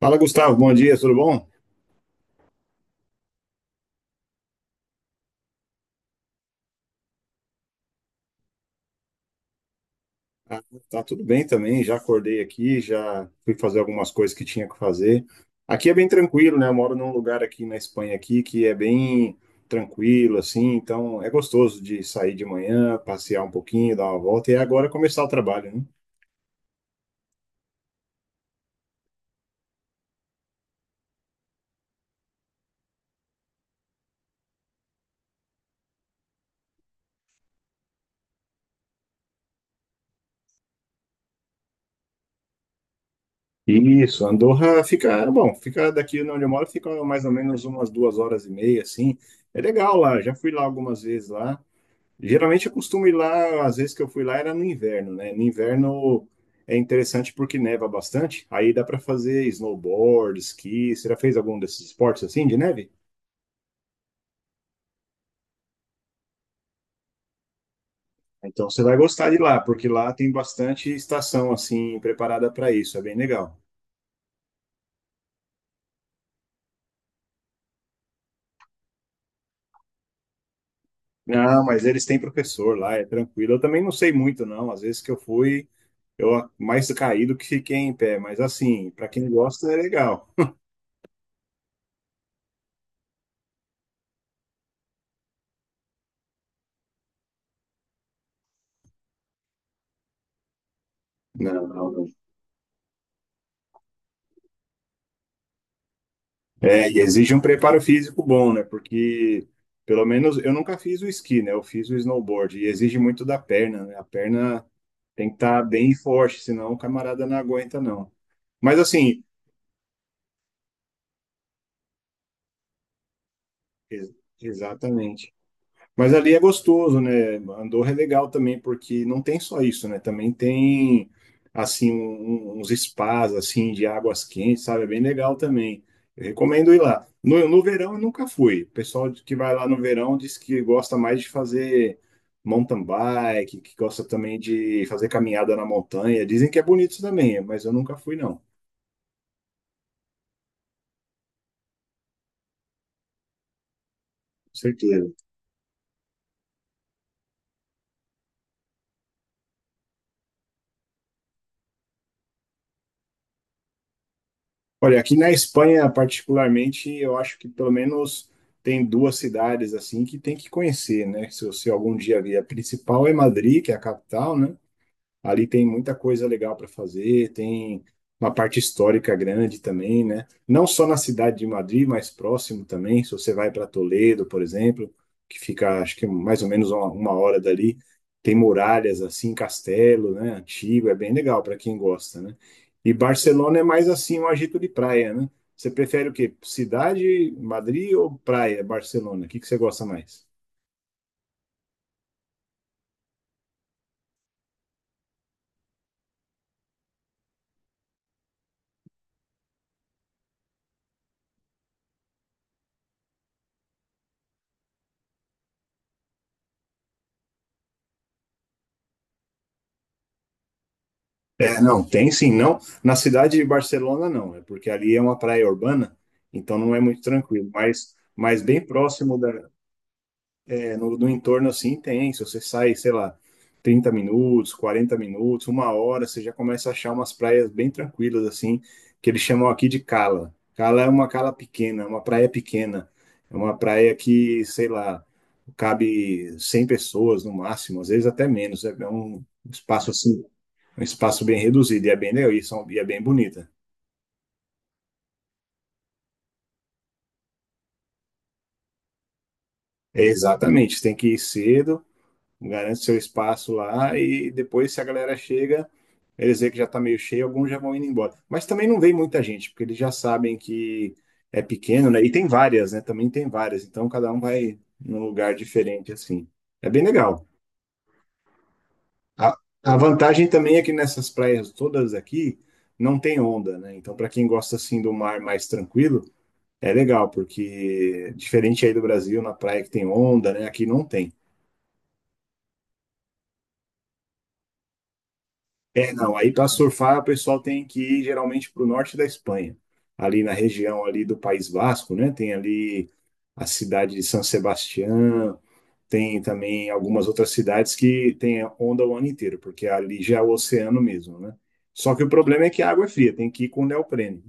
Fala, Gustavo. Bom dia, tudo bom? Ah, tá tudo bem também. Já acordei aqui, já fui fazer algumas coisas que tinha que fazer. Aqui é bem tranquilo, né? Eu moro num lugar aqui na Espanha aqui que é bem tranquilo, assim. Então é gostoso de sair de manhã, passear um pouquinho, dar uma volta e é agora começar o trabalho, né? Isso, Andorra fica, bom, fica daqui onde eu moro, fica mais ou menos umas 2 horas e meia, assim. É legal lá. Já fui lá algumas vezes lá. Geralmente eu costumo ir lá, às vezes que eu fui lá era no inverno, né? No inverno é interessante porque neva bastante, aí dá para fazer snowboard, esqui. Você já fez algum desses esportes assim de neve? Então você vai gostar de lá, porque lá tem bastante estação assim preparada para isso, é bem legal. Não, mas eles têm professor lá, é tranquilo. Eu também não sei muito, não. Às vezes que eu fui, eu mais caí do que fiquei em pé, mas assim, para quem gosta é legal. Não, não, não. É, e exige um preparo físico bom, né? Porque, pelo menos, eu nunca fiz o esqui, né? Eu fiz o snowboard e exige muito da perna, né? A perna tem que estar bem forte, senão o camarada não aguenta, não. Mas, assim, ex- exatamente. Mas ali é gostoso, né? Andorra é legal também, porque não tem só isso, né? Também tem, assim, uns spas, assim, de águas quentes, sabe? É bem legal também. Eu recomendo ir lá. No verão eu nunca fui. O pessoal que vai lá no verão diz que gosta mais de fazer mountain bike, que gosta também de fazer caminhada na montanha. Dizem que é bonito também, mas eu nunca fui, não. Com certeza. Olha, aqui na Espanha, particularmente, eu acho que pelo menos tem duas cidades assim que tem que conhecer, né? Se você algum dia vier, a principal é Madrid, que é a capital, né? Ali tem muita coisa legal para fazer, tem uma parte histórica grande também, né? Não só na cidade de Madrid, mas próximo também. Se você vai para Toledo, por exemplo, que fica, acho que mais ou menos uma hora dali, tem muralhas assim, castelo, né? Antigo, é bem legal para quem gosta, né? E Barcelona é mais assim, um agito de praia, né? Você prefere o quê? Cidade, Madrid ou praia, Barcelona? O que que você gosta mais? É, não, tem sim, não. Na cidade de Barcelona, não, é porque ali é uma praia urbana, então não é muito tranquilo, mas, bem próximo da, é, no entorno assim tem. Se você sai, sei lá, 30 minutos, 40 minutos, uma hora, você já começa a achar umas praias bem tranquilas assim, que eles chamam aqui de cala. Cala é uma cala pequena, é uma praia pequena, é uma praia que, sei lá, cabe 100 pessoas no máximo, às vezes até menos, é um espaço assim um espaço bem reduzido e é bem legal e, são, e é bem bonita. É exatamente, tem que ir cedo, garante seu espaço lá e depois se a galera chega, eles veem que já está meio cheio, alguns já vão indo embora. Mas também não vem muita gente, porque eles já sabem que é pequeno, né? E tem várias, né? Também tem várias, então cada um vai num lugar diferente assim. É bem legal. A, a vantagem também é que nessas praias todas aqui não tem onda, né? Então para quem gosta assim do mar mais tranquilo, é legal, porque diferente aí do Brasil, na praia que tem onda, né? Aqui não tem. É, não, aí para surfar o pessoal tem que ir geralmente para o norte da Espanha, ali na região ali do País Vasco, né? Tem ali a cidade de San Sebastián, tem também algumas outras cidades que tem onda o ano inteiro, porque ali já é o oceano mesmo, né? Só que o problema é que a água é fria, tem que ir com neoprene.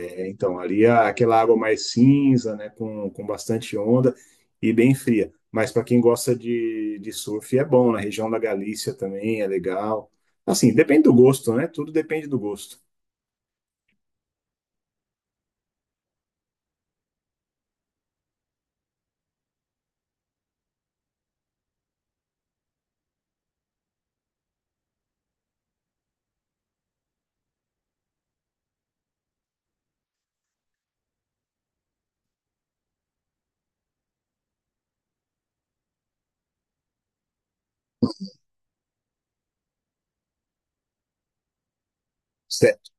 É, então, ali aquela água mais cinza, né, com bastante onda e bem fria. Mas para quem gosta de surf é bom, na região da Galícia também é legal. Assim, depende do gosto, né? Tudo depende do gosto. Certo.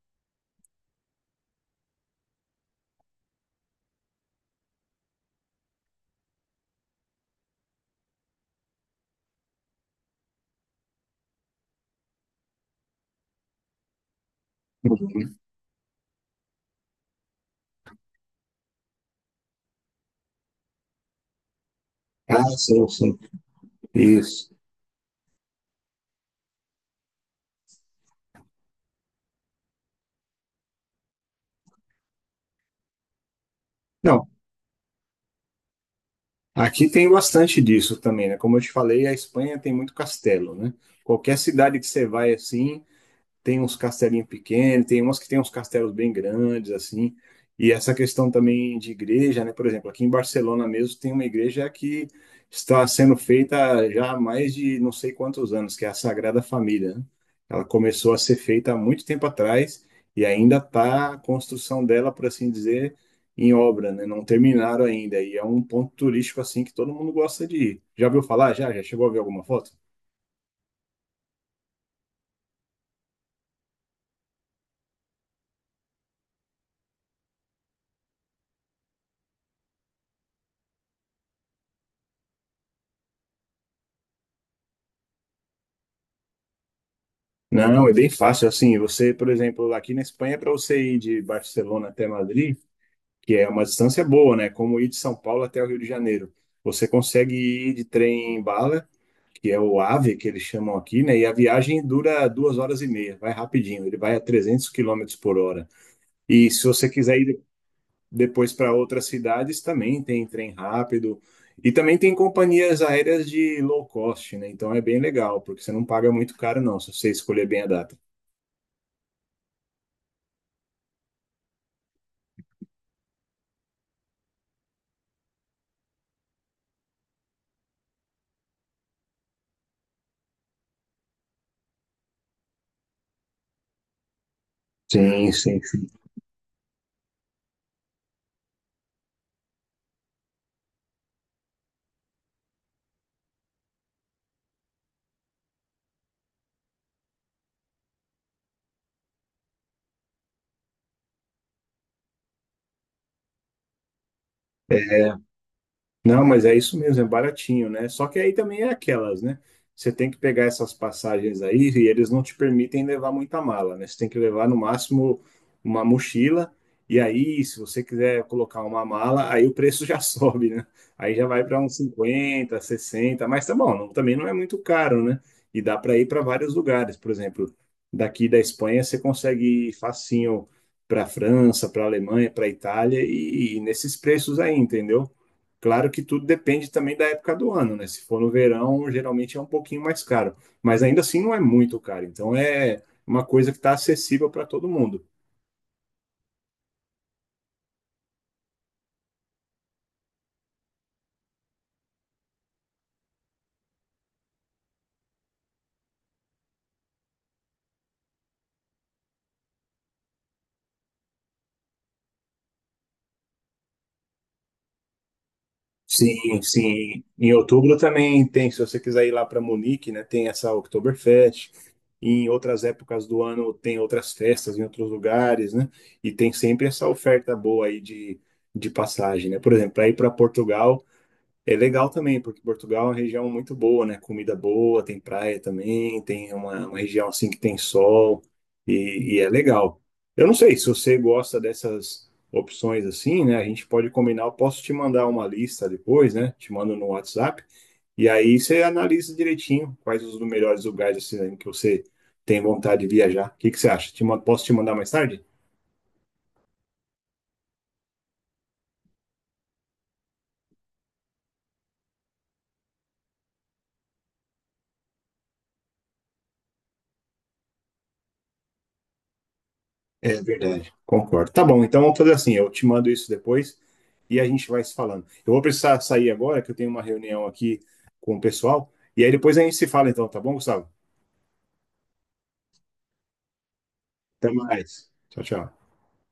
Uhum. Ah, sim, sim. Isso. Não, aqui tem bastante disso também, né? Como eu te falei, a Espanha tem muito castelo, né? Qualquer cidade que você vai assim, tem uns castelinhos pequenos, tem umas que tem uns castelos bem grandes, assim. E essa questão também de igreja, né? Por exemplo, aqui em Barcelona mesmo tem uma igreja que está sendo feita já há mais de não sei quantos anos, que é a Sagrada Família, né? Ela começou a ser feita há muito tempo atrás e ainda está a construção dela, por assim dizer, em obra, né? Não terminaram ainda. E é um ponto turístico assim que todo mundo gosta de ir. Já viu falar? Já? Já chegou a ver alguma foto? Não, é bem fácil. Assim, você, por exemplo, aqui na Espanha, para você ir de Barcelona até Madrid, que é uma distância boa, né? Como ir de São Paulo até o Rio de Janeiro. Você consegue ir de trem bala, que é o AVE, que eles chamam aqui, né? E a viagem dura 2 horas e meia, vai rapidinho. Ele vai a 300 quilômetros por hora. E se você quiser depois para outras cidades, também tem trem rápido. E também tem companhias aéreas de low cost, né? Então é bem legal, porque você não paga muito caro, não, se você escolher bem a data. Sim, sim. Não, mas é isso mesmo, é baratinho, né? Só que aí também é aquelas, né? Você tem que pegar essas passagens aí e eles não te permitem levar muita mala, né? Você tem que levar no máximo uma mochila. E aí, se você quiser colocar uma mala, aí o preço já sobe, né? Aí já vai para uns 50, 60, mas tá bom, também não é muito caro, né? E dá para ir para vários lugares, por exemplo, daqui da Espanha você consegue ir facinho para França, para Alemanha, para Itália e nesses preços aí, entendeu? Claro que tudo depende também da época do ano, né? Se for no verão, geralmente é um pouquinho mais caro, mas ainda assim não é muito caro. Então é uma coisa que está acessível para todo mundo. Sim, sim. Em outubro também tem, se você quiser ir lá para Munique, né? Tem essa Oktoberfest. Em outras épocas do ano tem outras festas em outros lugares, né? E tem sempre essa oferta boa aí de passagem, né? Por exemplo, para ir para Portugal é legal também, porque Portugal é uma região muito boa, né? Comida boa, tem praia também, tem uma região assim que tem sol e é legal. Eu não sei se você gosta dessas opções assim, né? A gente pode combinar, eu posso te mandar uma lista depois, né? Te mando no WhatsApp e aí você analisa direitinho quais os melhores lugares assim, né, que você tem vontade de viajar. O que que você acha? Posso te mandar mais tarde? É verdade, concordo. Tá bom, então vamos fazer assim, eu te mando isso depois e a gente vai se falando. Eu vou precisar sair agora, que eu tenho uma reunião aqui com o pessoal, e aí depois a gente se fala então, tá bom, Gustavo? Até mais. Tchau, tchau.